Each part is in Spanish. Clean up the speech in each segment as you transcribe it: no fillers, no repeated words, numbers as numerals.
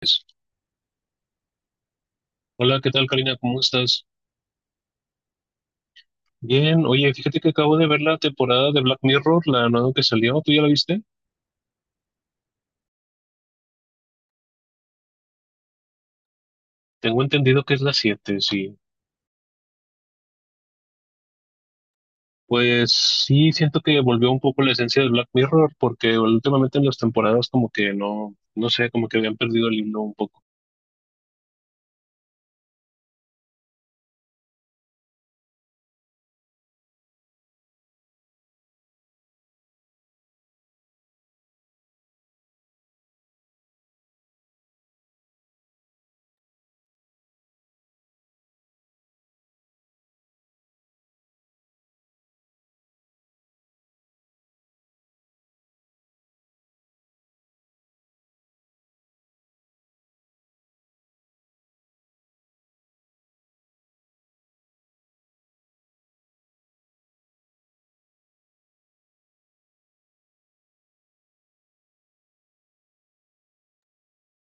Pues, hola, ¿qué tal, Karina? ¿Cómo estás? Bien, oye, fíjate que acabo de ver la temporada de Black Mirror, la nueva que salió, ¿tú ya la viste? Tengo entendido que es la 7, sí. Pues sí, siento que volvió un poco la esencia de Black Mirror, porque últimamente en las temporadas como que no, no sé, como que habían perdido el hilo un poco.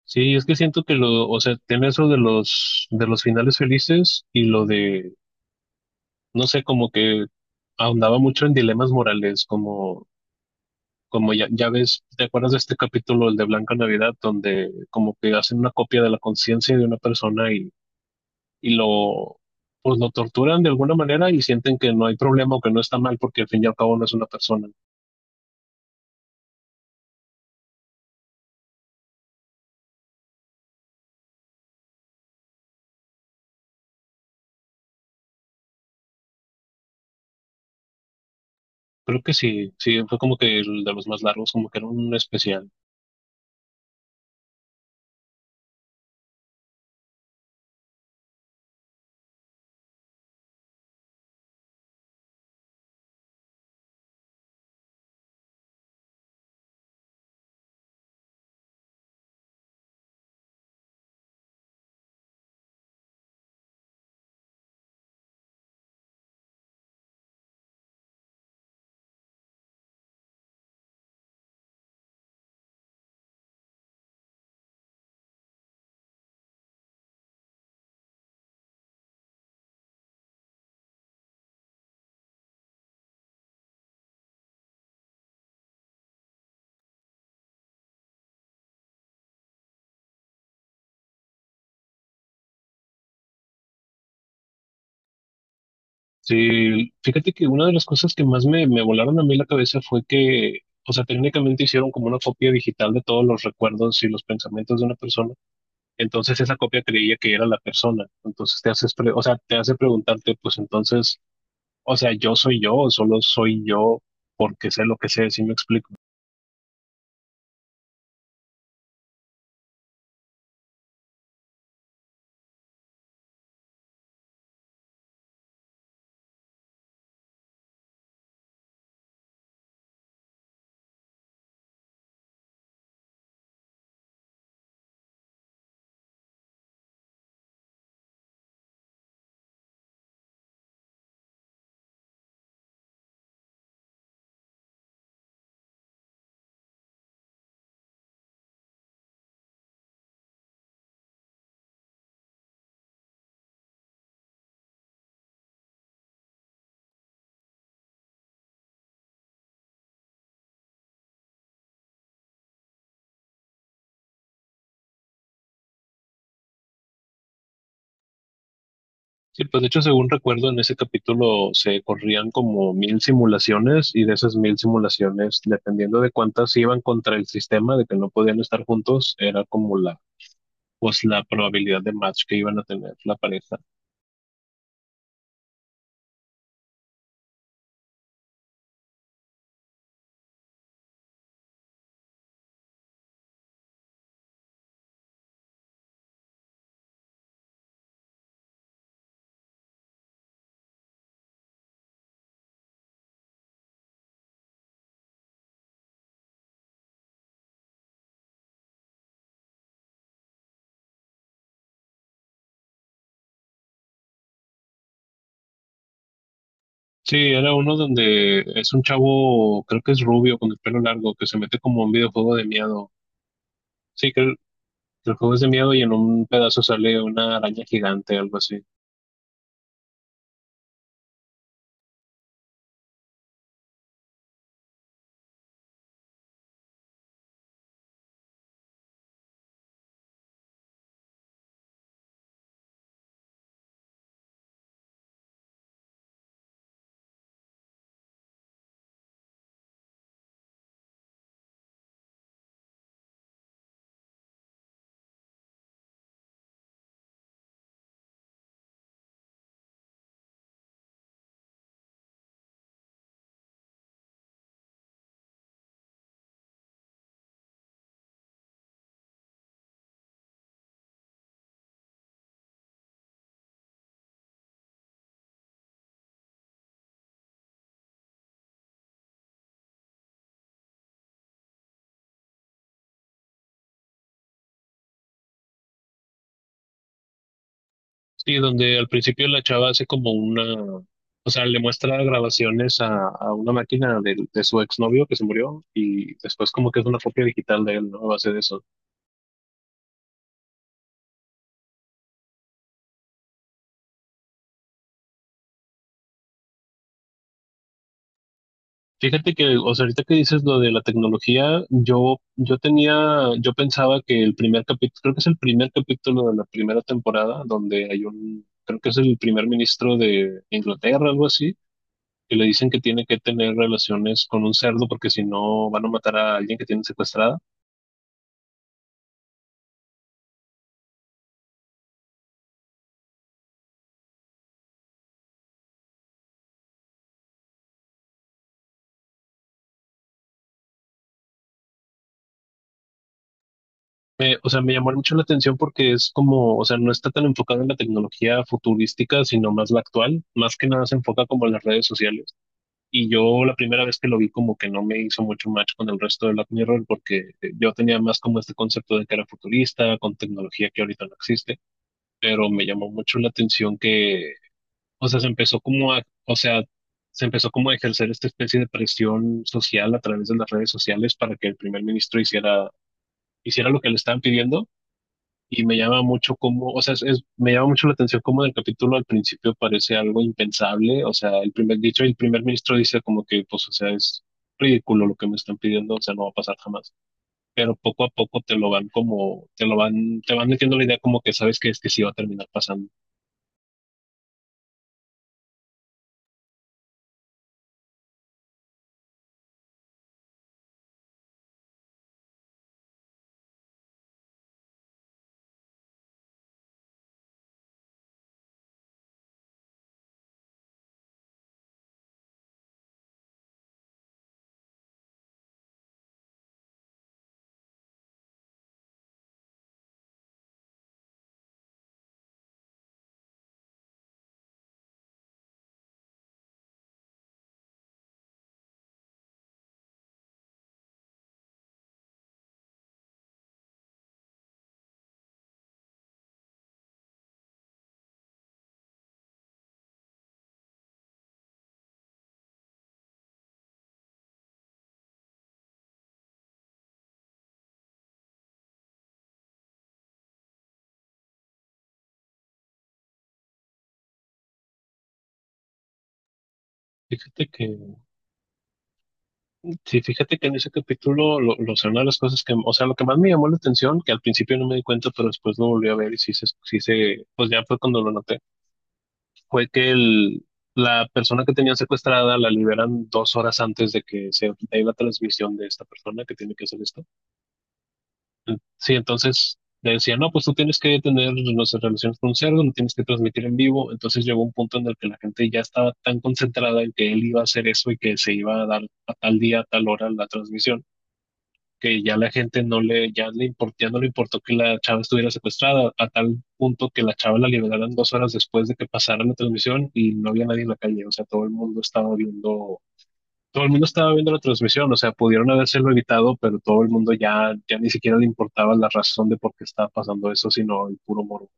Sí, es que siento que lo, o sea, tiene eso de los finales felices y lo de, no sé, como que ahondaba mucho en dilemas morales, como ya ves, ¿te acuerdas de este capítulo, el de Blanca Navidad, donde como que hacen una copia de la conciencia de una persona y pues lo torturan de alguna manera y sienten que no hay problema o que no está mal porque al fin y al cabo no es una persona. Creo que sí, sí, fue como que el de los más largos, como que era un especial. Sí, fíjate que una de las cosas que más me volaron a mí la cabeza fue que, o sea, técnicamente hicieron como una copia digital de todos los recuerdos y los pensamientos de una persona. Entonces esa copia creía que era la persona. Entonces o sea, te hace preguntarte, pues entonces, o sea, yo soy yo o solo soy yo porque sé lo que sé, si me explico. Sí, pues de hecho, según recuerdo, en ese capítulo se corrían como mil simulaciones y de esas mil simulaciones, dependiendo de cuántas iban contra el sistema, de que no podían estar juntos, era como pues la probabilidad de match que iban a tener la pareja. Sí, era uno donde es un chavo, creo que es rubio, con el pelo largo, que se mete como a un videojuego de miedo. Sí, que el juego es de miedo y en un pedazo sale una araña gigante, algo así. Sí, donde al principio la chava hace como o sea, le muestra grabaciones a una máquina de su exnovio que se murió y después como que es una copia digital de él, ¿no? A base de eso. Fíjate que, o sea, ahorita que dices lo de la tecnología, yo tenía, yo pensaba que el primer capítulo, creo que es el primer capítulo de la primera temporada, donde hay un, creo que es el primer ministro de Inglaterra, algo así que le dicen que tiene que tener relaciones con un cerdo porque si no van a matar a alguien que tienen secuestrada. O sea, me llamó mucho la atención porque es como, o sea, no está tan enfocado en la tecnología futurística, sino más la actual. Más que nada se enfoca como en las redes sociales. Y yo la primera vez que lo vi como que no me hizo mucho match con el resto de Black Mirror porque yo tenía más como este concepto de que era futurista, con tecnología que ahorita no existe, pero me llamó mucho la atención que... O sea, se empezó como a ejercer esta especie de presión social a través de las redes sociales para que el primer ministro hiciera lo que le estaban pidiendo. Y me llama mucho como, o sea, me llama mucho la atención como en el capítulo al principio parece algo impensable. O sea, el primer ministro dice como que, pues, o sea, es ridículo lo que me están pidiendo, o sea, no va a pasar jamás. Pero poco a poco te lo van como, te lo van, te van metiendo la idea como que sabes que es que sí va a terminar pasando. Fíjate que Sí, fíjate que en ese capítulo, o sea, una de las cosas que, o sea, lo que más me llamó la atención, que al principio no me di cuenta, pero después lo volví a ver y pues ya fue cuando lo noté, fue que la persona que tenían secuestrada la liberan 2 horas antes de que se dé la transmisión de esta persona que tiene que hacer esto. Sí, entonces le decían, no, pues tú tienes que tener, no sé, relaciones con un cerdo, no tienes que transmitir en vivo. Entonces llegó un punto en el que la gente ya estaba tan concentrada en que él iba a hacer eso y que se iba a dar a tal día, a tal hora la transmisión que ya la gente no le, ya le import- ya no le importó que la chava estuviera secuestrada, a tal punto que la chava la liberaron 2 horas después de que pasara la transmisión y no había nadie en la calle, o sea, todo el mundo estaba viendo la transmisión, o sea, pudieron habérselo evitado, pero todo el mundo ya ni siquiera le importaba la razón de por qué estaba pasando eso, sino el puro morbo.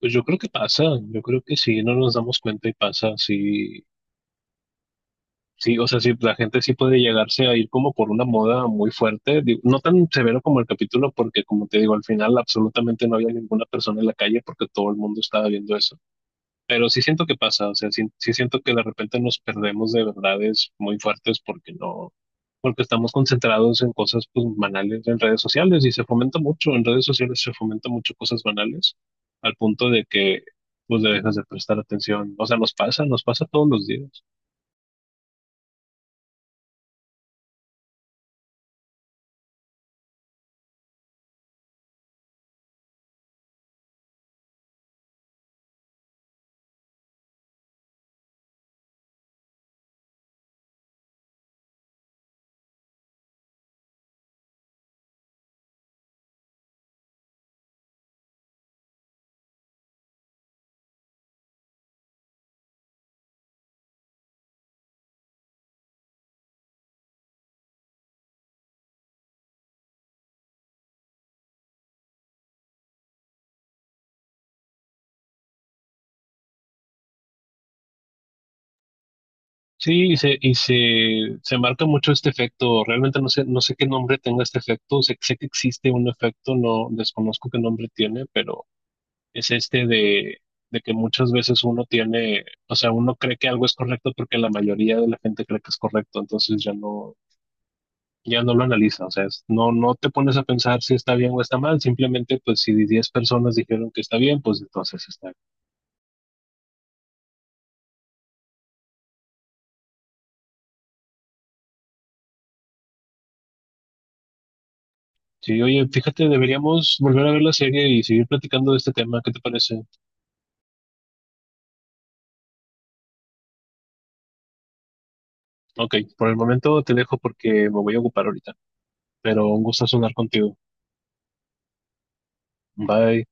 Pues yo creo que pasa, yo creo que sí, no nos damos cuenta y pasa, sí. Sí, o sea, sí, la gente sí puede llegarse a ir como por una moda muy fuerte, digo, no tan severo como el capítulo, porque como te digo, al final absolutamente no había ninguna persona en la calle porque todo el mundo estaba viendo eso. Pero sí siento que pasa, o sea, sí, sí siento que de repente nos perdemos de verdades muy fuertes porque no, porque estamos concentrados en cosas pues banales en redes sociales y se fomenta mucho, en redes sociales se fomenta mucho cosas banales al punto de que pues le dejas de prestar atención. O sea, nos pasa todos los días. Sí, se marca mucho este efecto. Realmente no sé qué nombre tenga este efecto. Sé que existe un efecto, no desconozco qué nombre tiene, pero es este de, que muchas veces uno tiene, o sea, uno cree que algo es correcto porque la mayoría de la gente cree que es correcto, entonces ya no lo analiza. O sea, no, no te pones a pensar si está bien o está mal. Simplemente, pues, si 10 personas dijeron que está bien, pues entonces está bien. Sí, oye, fíjate, deberíamos volver a ver la serie y seguir platicando de este tema. ¿Qué te parece? Ok, por el momento te dejo porque me voy a ocupar ahorita, pero un gusto sonar contigo. Bye.